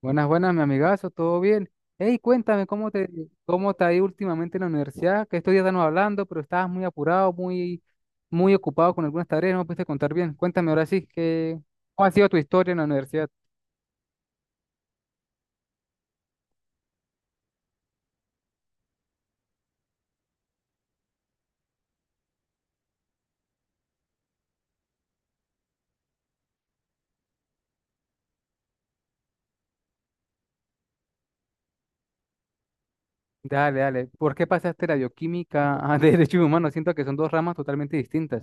Buenas, buenas, mi amigazo, ¿todo bien? Hey, cuéntame, ¿cómo te ha ido últimamente en la universidad? Que estos días estamos hablando, pero estabas muy apurado, muy ocupado con algunas tareas, no me pudiste contar bien. Cuéntame ahora sí, que, ¿cómo ha sido tu historia en la universidad? Dale, dale. ¿Por qué pasaste la bioquímica a Derecho Humano? Siento que son dos ramas totalmente distintas.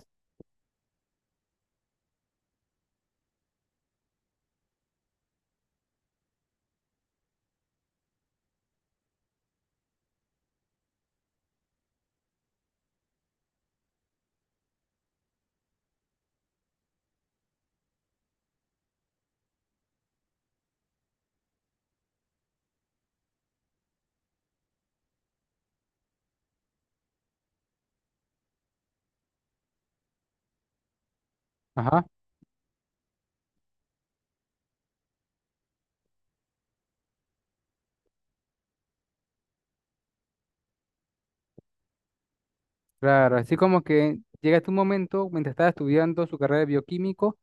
Claro, así como que llega tu momento, mientras estaba estudiando su carrera de bioquímico,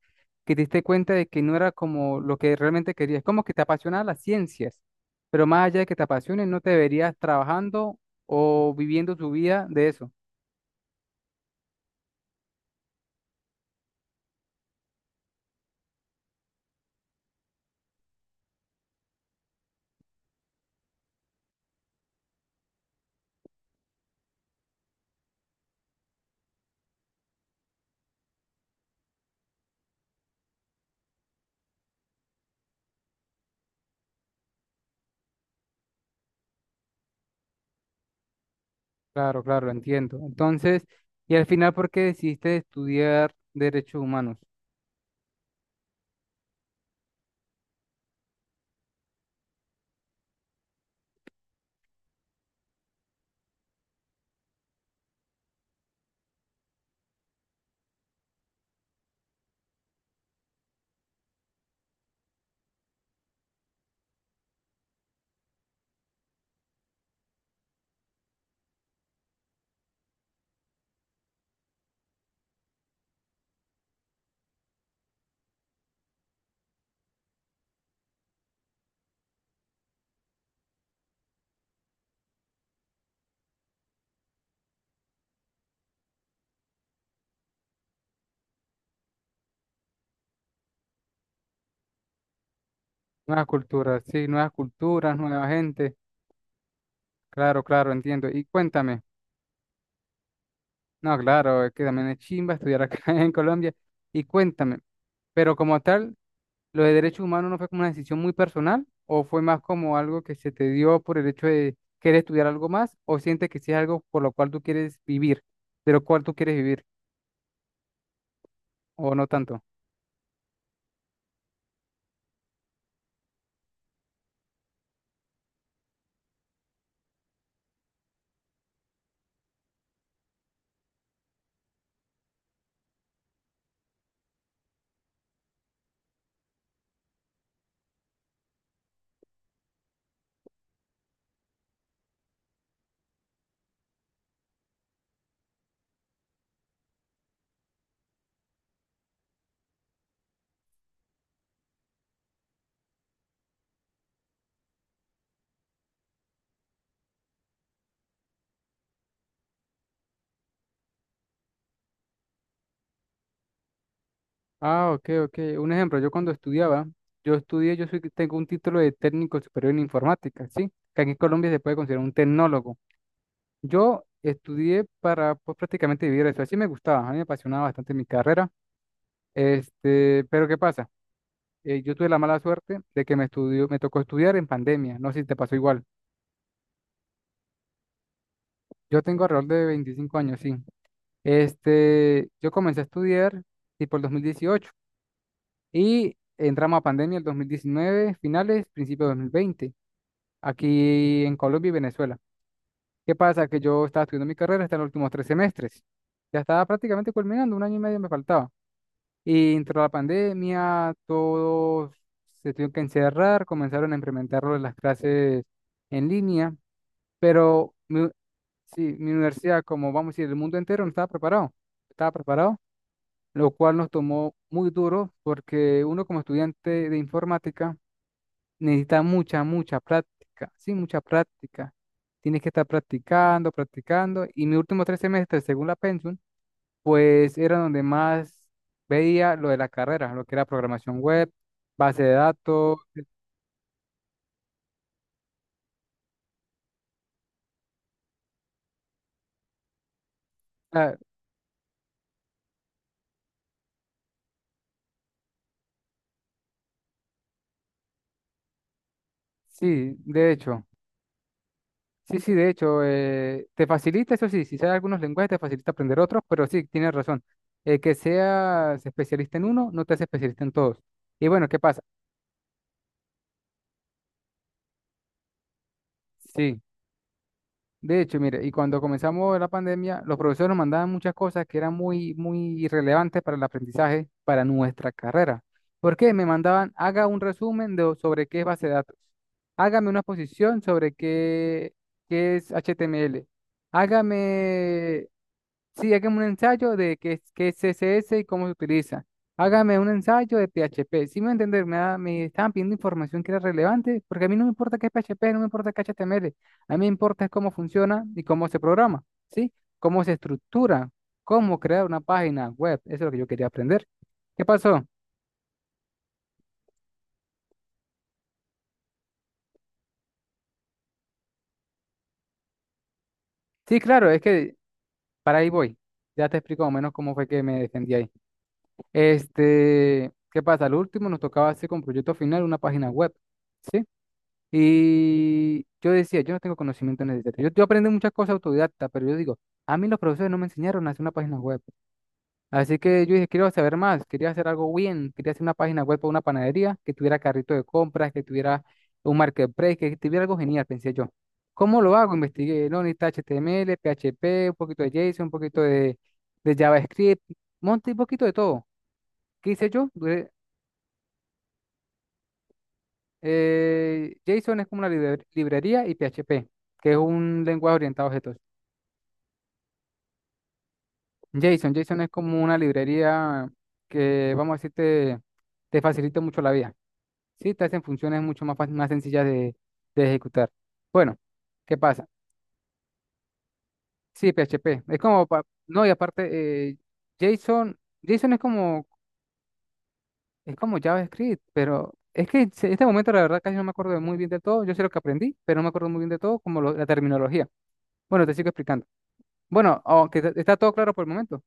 que te diste cuenta de que no era como lo que realmente querías, como que te apasionaban las ciencias, pero más allá de que te apasionen, no te verías trabajando o viviendo tu vida de eso. Claro, claro, entiendo. Entonces, y al final, ¿por qué decidiste estudiar derechos humanos? Nuevas culturas, sí, nuevas culturas, nueva gente. Claro, claro, entiendo. Y cuéntame. No, claro, es que también es chimba estudiar acá en Colombia. Y cuéntame, pero como tal, ¿lo de derechos humanos no fue como una decisión muy personal o fue más como algo que se te dio por el hecho de querer estudiar algo más o sientes que sí es algo por lo cual tú quieres vivir, de lo cual tú quieres vivir o no tanto? Ah, ok, ok. Un ejemplo, yo cuando estudiaba, yo estudié, yo soy, tengo un título de técnico superior en informática, ¿sí? Que aquí en Colombia se puede considerar un tecnólogo. Yo estudié para pues, prácticamente vivir eso. Así me gustaba, a mí me apasionaba bastante mi carrera. Este, pero ¿qué pasa? Yo tuve la mala suerte de que me estudió, me tocó estudiar en pandemia. No sé si te pasó igual. Yo tengo alrededor de 25 años, sí. Este, yo comencé a estudiar tipo el 2018 y entramos a pandemia el 2019 finales, principio de 2020 aquí en Colombia y Venezuela. ¿Qué pasa? Que yo estaba estudiando mi carrera hasta los últimos 3 semestres. Ya estaba prácticamente culminando, un año y medio me faltaba. Y entró la pandemia, todos se tuvieron que encerrar, comenzaron a implementar lo de las clases en línea, pero sí, mi universidad, como vamos a decir, el mundo entero no estaba preparado, estaba preparado, lo cual nos tomó muy duro porque uno como estudiante de informática necesita mucha, mucha práctica, sí, mucha práctica. Tienes que estar practicando, practicando, y mis últimos 3 semestres, según la Pensum, pues era donde más veía lo de la carrera, lo que era programación web, base de datos. Ah, sí, de hecho, sí, sí, de hecho, te facilita, eso sí, si sabes algunos lenguajes, te facilita aprender otros, pero sí, tienes razón. El que seas especialista en uno, no te hace especialista en todos. Y bueno, ¿qué pasa? Sí. De hecho, mire, y cuando comenzamos la pandemia, los profesores nos mandaban muchas cosas que eran muy, muy irrelevantes para el aprendizaje, para nuestra carrera. ¿Por qué? Me mandaban, haga un resumen sobre qué es base de datos. Hágame una exposición sobre qué es HTML. Hágame Sí, hágame un ensayo de qué es CSS y cómo se utiliza. Hágame un ensayo de PHP. Si me entender, me estaban pidiendo información que era relevante, porque a mí no me importa qué es PHP, no me importa qué es HTML. A mí me importa es cómo funciona y cómo se programa, ¿sí? Cómo se estructura, cómo crear una página web. Eso es lo que yo quería aprender. ¿Qué pasó? Sí, claro, es que para ahí voy. Ya te explico más o menos cómo fue que me defendí ahí. Este, ¿qué pasa? Lo último nos tocaba hacer con proyecto final una página web. ¿Sí? Y yo decía, yo no tengo conocimiento necesario. Yo aprendí muchas cosas autodidacta, pero yo digo, a mí los profesores no me enseñaron a hacer una página web. Así que yo dije, quiero saber más, quería hacer algo bien, quería hacer una página web para una panadería, que tuviera carrito de compras, que tuviera un marketplace, que tuviera algo genial, pensé yo. ¿Cómo lo hago? Investigué, no, necesita HTML, PHP, un poquito de JSON, un poquito de JavaScript, monté un poquito de todo. ¿Qué hice yo? JSON es como una librería y PHP, que es un lenguaje orientado a objetos. JSON es como una librería que, vamos a decir, te facilita mucho la vida. Sí, te hacen funciones mucho más, más sencillas de ejecutar. Bueno, ¿qué pasa? Sí, PHP. Es como, no, y aparte, JSON es como, JavaScript, pero es que en este momento la verdad casi no me acuerdo de muy bien de todo. Yo sé lo que aprendí, pero no me acuerdo muy bien de todo, como la terminología. Bueno, te sigo explicando. Bueno, aunque está todo claro por el momento.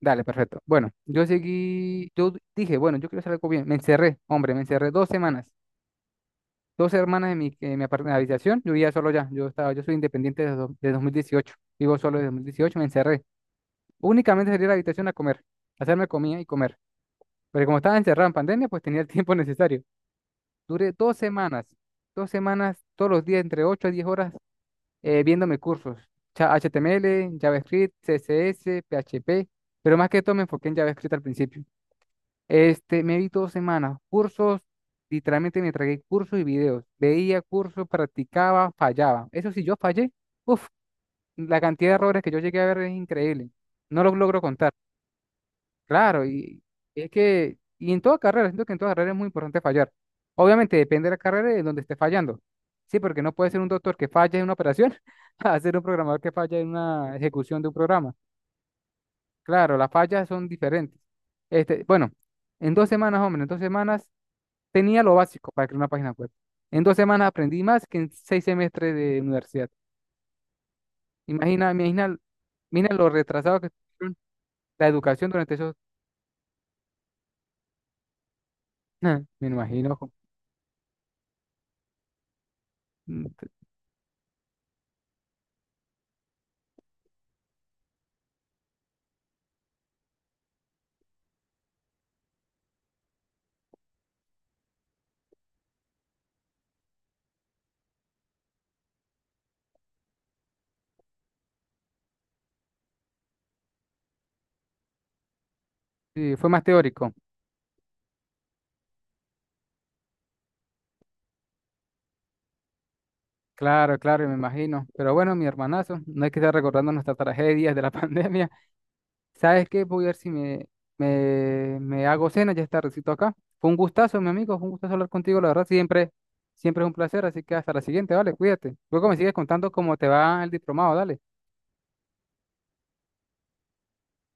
Dale, perfecto. Bueno, yo seguí, yo dije, bueno, yo quiero hacer algo bien. Me encerré, hombre, me encerré 2 semanas. 2 semanas en la habitación. Yo vivía solo ya. Yo soy independiente desde 2018. Vivo solo desde 2018, me encerré. Únicamente salí a la habitación a comer, a hacerme comida y comer. Pero como estaba encerrado en pandemia, pues tenía el tiempo necesario. Duré 2 semanas, 2 semanas, todos los días, entre 8 a 10 horas viéndome cursos, HTML, JavaScript, CSS, PHP, pero más que todo me enfoqué en JavaScript al principio. Este, me vi 2 semanas, cursos, literalmente me tragué cursos y videos, veía cursos, practicaba, fallaba. Eso sí, yo fallé, uff, la cantidad de errores que yo llegué a ver es increíble, no los logro contar. Claro, y es que, y en toda carrera, siento que en toda carrera es muy importante fallar. Obviamente depende de la carrera y de donde esté fallando. Sí, porque no puede ser un doctor que falle en una operación a ser un programador que falle en una ejecución de un programa. Claro, las fallas son diferentes. Este, bueno, en 2 semanas, hombre, en 2 semanas tenía lo básico para crear una página web. En 2 semanas aprendí más que en 6 semestres de universidad. Imagina, imagina, mira lo retrasado que estuvieron la educación durante esos, me imagino, mm, sí, fue más teórico. Claro, claro, me imagino. Pero bueno, mi hermanazo, no hay que estar recordando nuestras tragedias de la pandemia. ¿Sabes qué? Voy a ver si me, me hago cena, ya está recito acá. Fue un gustazo, mi amigo, fue un gustazo hablar contigo, la verdad, siempre, siempre es un placer, así que hasta la siguiente, vale, cuídate. Luego me sigues contando cómo te va el diplomado, dale.